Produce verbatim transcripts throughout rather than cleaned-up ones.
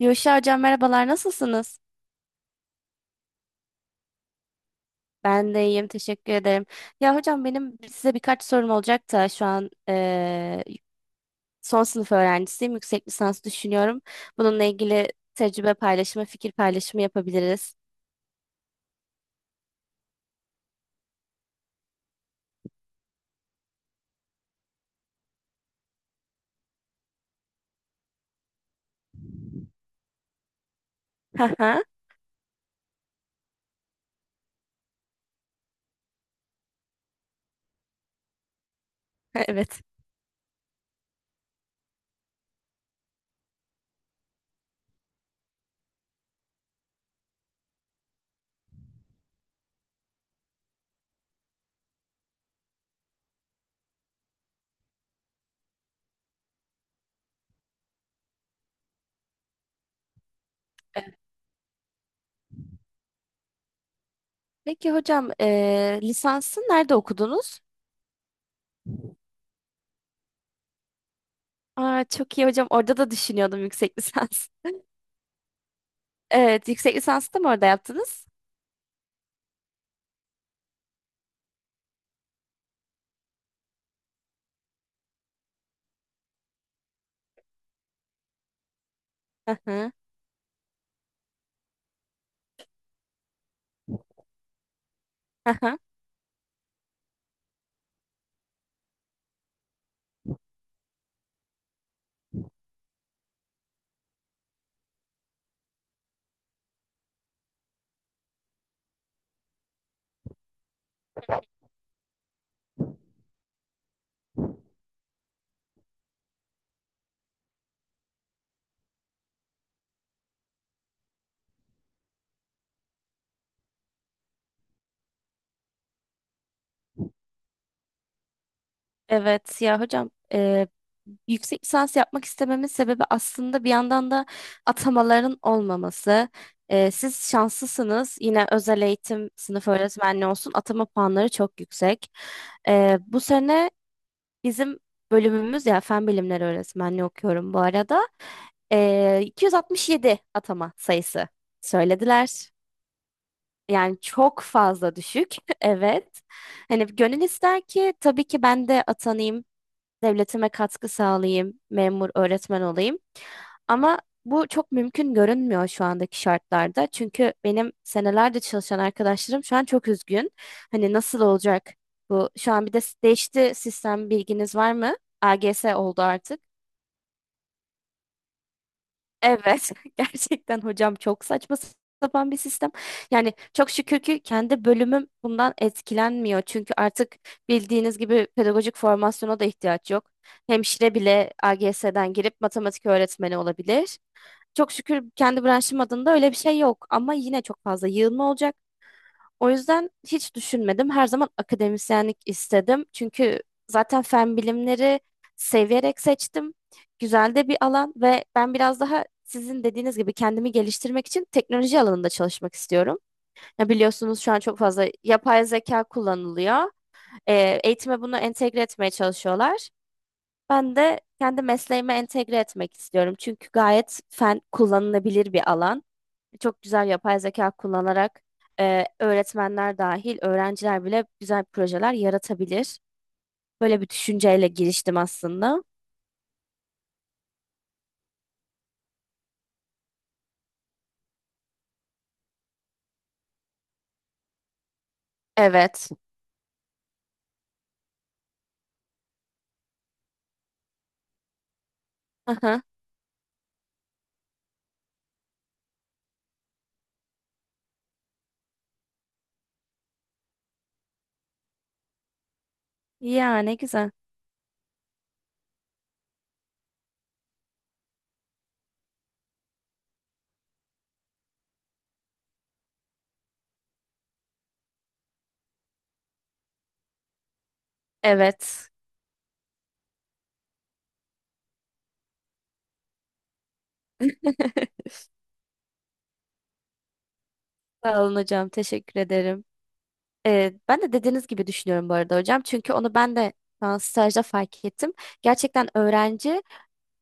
Yuşa hocam, merhabalar, nasılsınız? Ben de iyiyim, teşekkür ederim. Ya hocam, benim size birkaç sorum olacak da şu an eee, son sınıf öğrencisiyim. Yüksek lisans düşünüyorum. Bununla ilgili tecrübe paylaşımı, fikir paylaşımı yapabiliriz. Haha, evet. Peki hocam, eee lisansı nerede okudunuz? Aa, çok iyi hocam, orada da düşünüyordum yüksek lisans. Evet, yüksek lisansı da mı orada yaptınız? Haha, haha. Evet, ya hocam, e, yüksek lisans yapmak istememin sebebi aslında bir yandan da atamaların olmaması. Ee, siz şanslısınız. Yine özel eğitim sınıf öğretmenliği olsun, atama puanları çok yüksek. Ee, bu sene bizim bölümümüz, ya, fen bilimleri öğretmenliği okuyorum bu arada. Ee, iki yüz altmış yedi atama sayısı söylediler. Yani çok fazla düşük. Evet. Hani gönül ister ki tabii ki ben de atanayım, devletime katkı sağlayayım, memur, öğretmen olayım. Ama bu çok mümkün görünmüyor şu andaki şartlarda. Çünkü benim senelerde çalışan arkadaşlarım şu an çok üzgün. Hani nasıl olacak bu? Şu an bir de değişti sistem, bilginiz var mı? A G S oldu artık. Evet, gerçekten hocam çok saçma sapan bir sistem. Yani çok şükür ki kendi bölümüm bundan etkilenmiyor. Çünkü artık bildiğiniz gibi pedagojik formasyona da ihtiyaç yok. Hemşire bile A G S'den girip matematik öğretmeni olabilir. Çok şükür kendi branşım adında öyle bir şey yok. Ama yine çok fazla yığılma olacak. O yüzden hiç düşünmedim. Her zaman akademisyenlik istedim. Çünkü zaten fen bilimleri seviyerek seçtim. Güzel de bir alan ve ben biraz daha sizin dediğiniz gibi kendimi geliştirmek için teknoloji alanında çalışmak istiyorum. Ya biliyorsunuz şu an çok fazla yapay zeka kullanılıyor. Ee, eğitime bunu entegre etmeye çalışıyorlar. Ben de kendi mesleğime entegre etmek istiyorum. Çünkü gayet fen kullanılabilir bir alan. Çok güzel yapay zeka kullanarak e, öğretmenler dahil öğrenciler bile güzel projeler yaratabilir. Böyle bir düşünceyle giriştim aslında. Evet. Aha. Yani güzel. Evet. Sağ olun hocam, teşekkür ederim. Ee, ben de dediğiniz gibi düşünüyorum bu arada hocam. Çünkü onu ben de şu an stajda fark ettim. Gerçekten öğrenci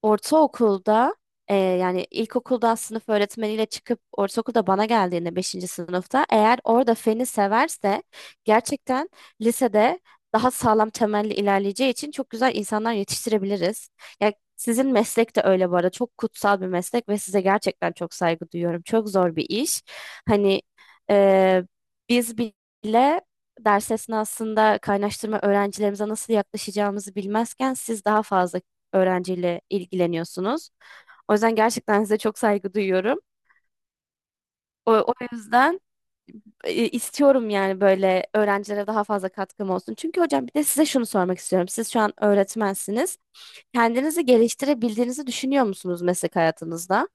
ortaokulda, e, yani ilkokuldan sınıf öğretmeniyle çıkıp ortaokulda bana geldiğinde, beşinci sınıfta eğer orada feni severse gerçekten lisede daha sağlam temelli ilerleyeceği için çok güzel insanlar yetiştirebiliriz. Yani sizin meslek de öyle bu arada, çok kutsal bir meslek ve size gerçekten çok saygı duyuyorum. Çok zor bir iş. Hani, e, biz bile ders esnasında kaynaştırma öğrencilerimize nasıl yaklaşacağımızı bilmezken siz daha fazla öğrenciyle ilgileniyorsunuz. O yüzden gerçekten size çok saygı duyuyorum. O, o yüzden e, istiyorum yani, böyle öğrencilere daha fazla katkım olsun. Çünkü hocam, bir de size şunu sormak istiyorum. Siz şu an öğretmensiniz. Kendinizi geliştirebildiğinizi düşünüyor musunuz meslek hayatınızda?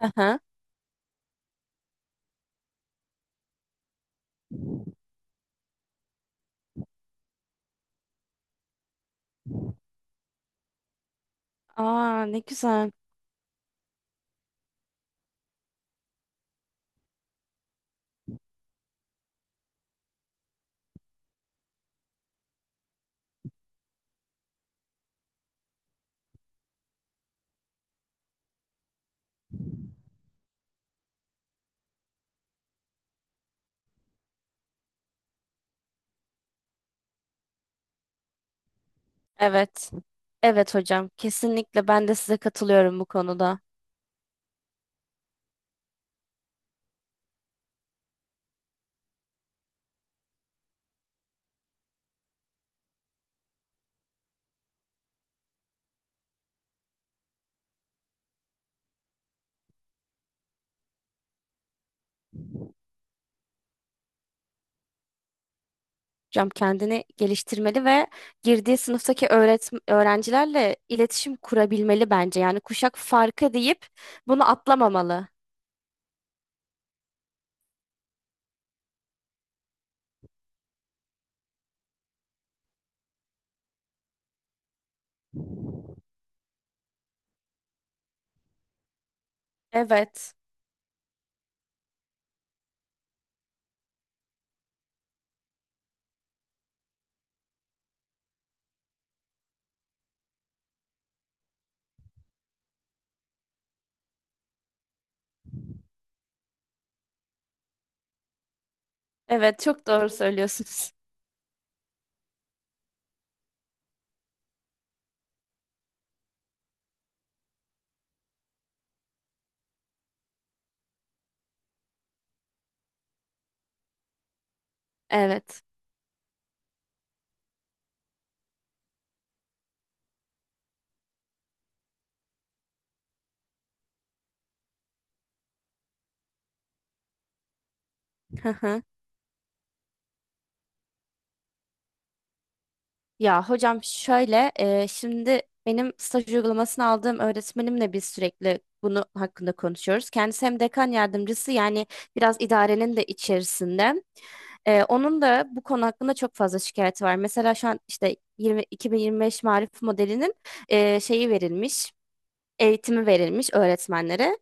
Aha. Aa, ne güzel. Evet. Evet hocam. Kesinlikle ben de size katılıyorum bu konuda. Cam kendini geliştirmeli ve girdiği sınıftaki öğretm- öğrencilerle iletişim kurabilmeli bence. Yani kuşak farkı deyip bunu atlamamalı. Evet. Evet, çok doğru söylüyorsunuz. Evet. Ya hocam, şöyle, e, şimdi benim staj uygulamasını aldığım öğretmenimle biz sürekli bunu hakkında konuşuyoruz. Kendisi hem dekan yardımcısı, yani biraz idarenin de içerisinde. E, onun da bu konu hakkında çok fazla şikayeti var. Mesela şu an işte 20, iki bin yirmi beş Marif modelinin e, şeyi verilmiş, eğitimi verilmiş öğretmenlere.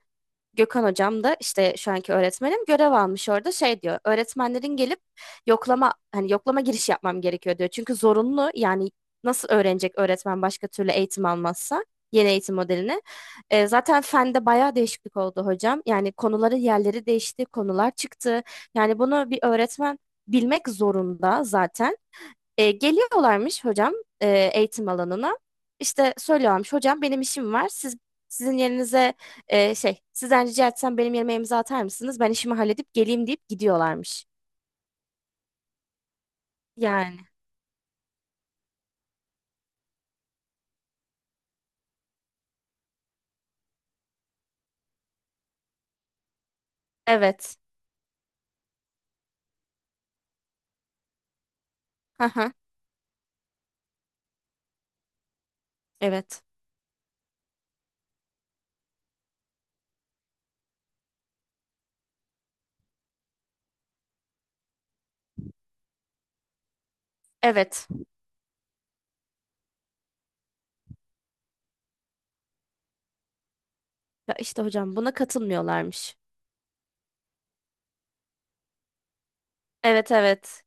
Gökhan hocam da, işte şu anki öğretmenim, görev almış orada, şey diyor: öğretmenlerin gelip yoklama, hani yoklama giriş yapmam gerekiyor diyor. Çünkü zorunlu, yani nasıl öğrenecek öğretmen başka türlü eğitim almazsa yeni eğitim modelini. E, zaten fende bayağı değişiklik oldu hocam. Yani konuları yerleri değişti, konular çıktı. Yani bunu bir öğretmen bilmek zorunda zaten. E, geliyorlarmış hocam, e, eğitim alanına. İşte söylüyorlarmış hocam, benim işim var. Siz sizin yerinize e, şey sizden rica etsem benim yerime imza atar mısınız? Ben işimi halledip geleyim deyip gidiyorlarmış. Yani evet. Hı hı. Evet. Evet. Ya işte hocam buna katılmıyorlarmış. Evet, evet.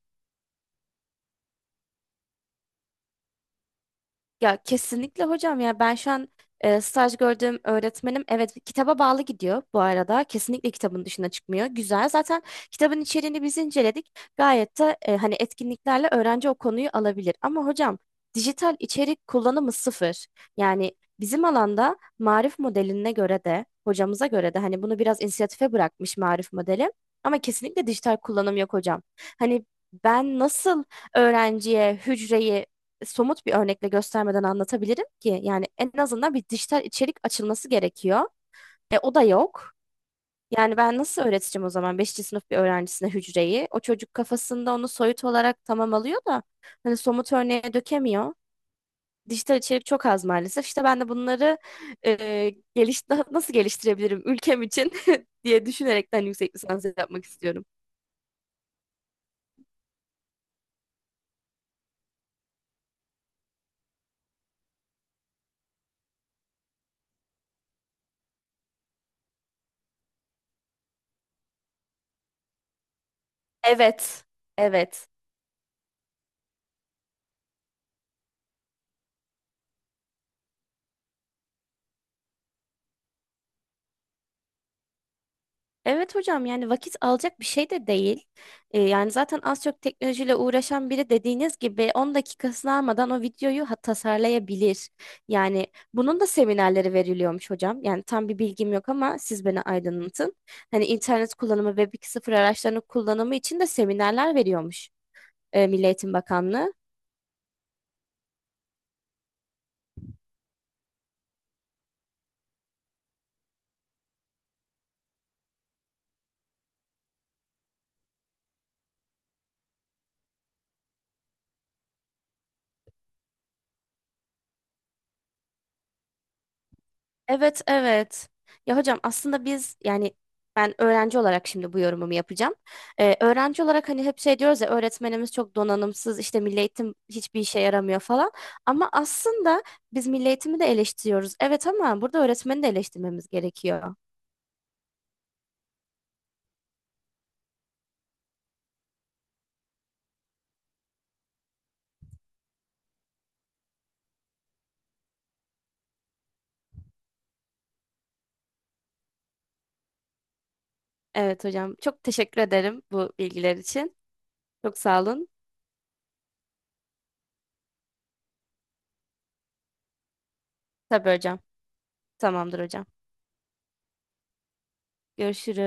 Ya kesinlikle hocam, ya ben şu an e, staj gördüğüm öğretmenim, evet, kitaba bağlı gidiyor bu arada. Kesinlikle kitabın dışına çıkmıyor. Güzel. Zaten kitabın içeriğini biz inceledik. Gayet de, e, hani etkinliklerle öğrenci o konuyu alabilir. Ama hocam dijital içerik kullanımı sıfır. Yani bizim alanda marif modeline göre de, hocamıza göre de, hani bunu biraz inisiyatife bırakmış marif modeli. Ama kesinlikle dijital kullanım yok hocam. Hani ben nasıl öğrenciye hücreyi somut bir örnekle göstermeden anlatabilirim ki? Yani en azından bir dijital içerik açılması gerekiyor. E, o da yok. Yani ben nasıl öğreteceğim o zaman beşinci sınıf bir öğrencisine hücreyi? O çocuk kafasında onu soyut olarak tamam alıyor da hani somut örneğe dökemiyor, dijital içerik çok az maalesef. İşte ben de bunları e, geliş nasıl geliştirebilirim ülkem için diye düşünerekten yüksek lisans yapmak istiyorum. Evet, evet. Evet hocam, yani vakit alacak bir şey de değil. Ee, yani zaten az çok teknolojiyle uğraşan biri, dediğiniz gibi, on dakikasını almadan o videoyu ha- tasarlayabilir. Yani bunun da seminerleri veriliyormuş hocam. Yani tam bir bilgim yok, ama siz beni aydınlatın. Hani internet kullanımı, Web iki sıfır araçlarının kullanımı için de seminerler veriyormuş e, Milli Eğitim Bakanlığı. Evet, evet. Ya hocam, aslında biz, yani ben öğrenci olarak şimdi bu yorumumu yapacağım. Ee, öğrenci olarak hani hep şey diyoruz ya: öğretmenimiz çok donanımsız, işte milli eğitim hiçbir işe yaramıyor falan. Ama aslında biz milli eğitimi de eleştiriyoruz, evet, ama burada öğretmeni de eleştirmemiz gerekiyor. Evet hocam, çok teşekkür ederim bu bilgiler için. Çok sağ olun. Tabii hocam. Tamamdır hocam. Görüşürüz.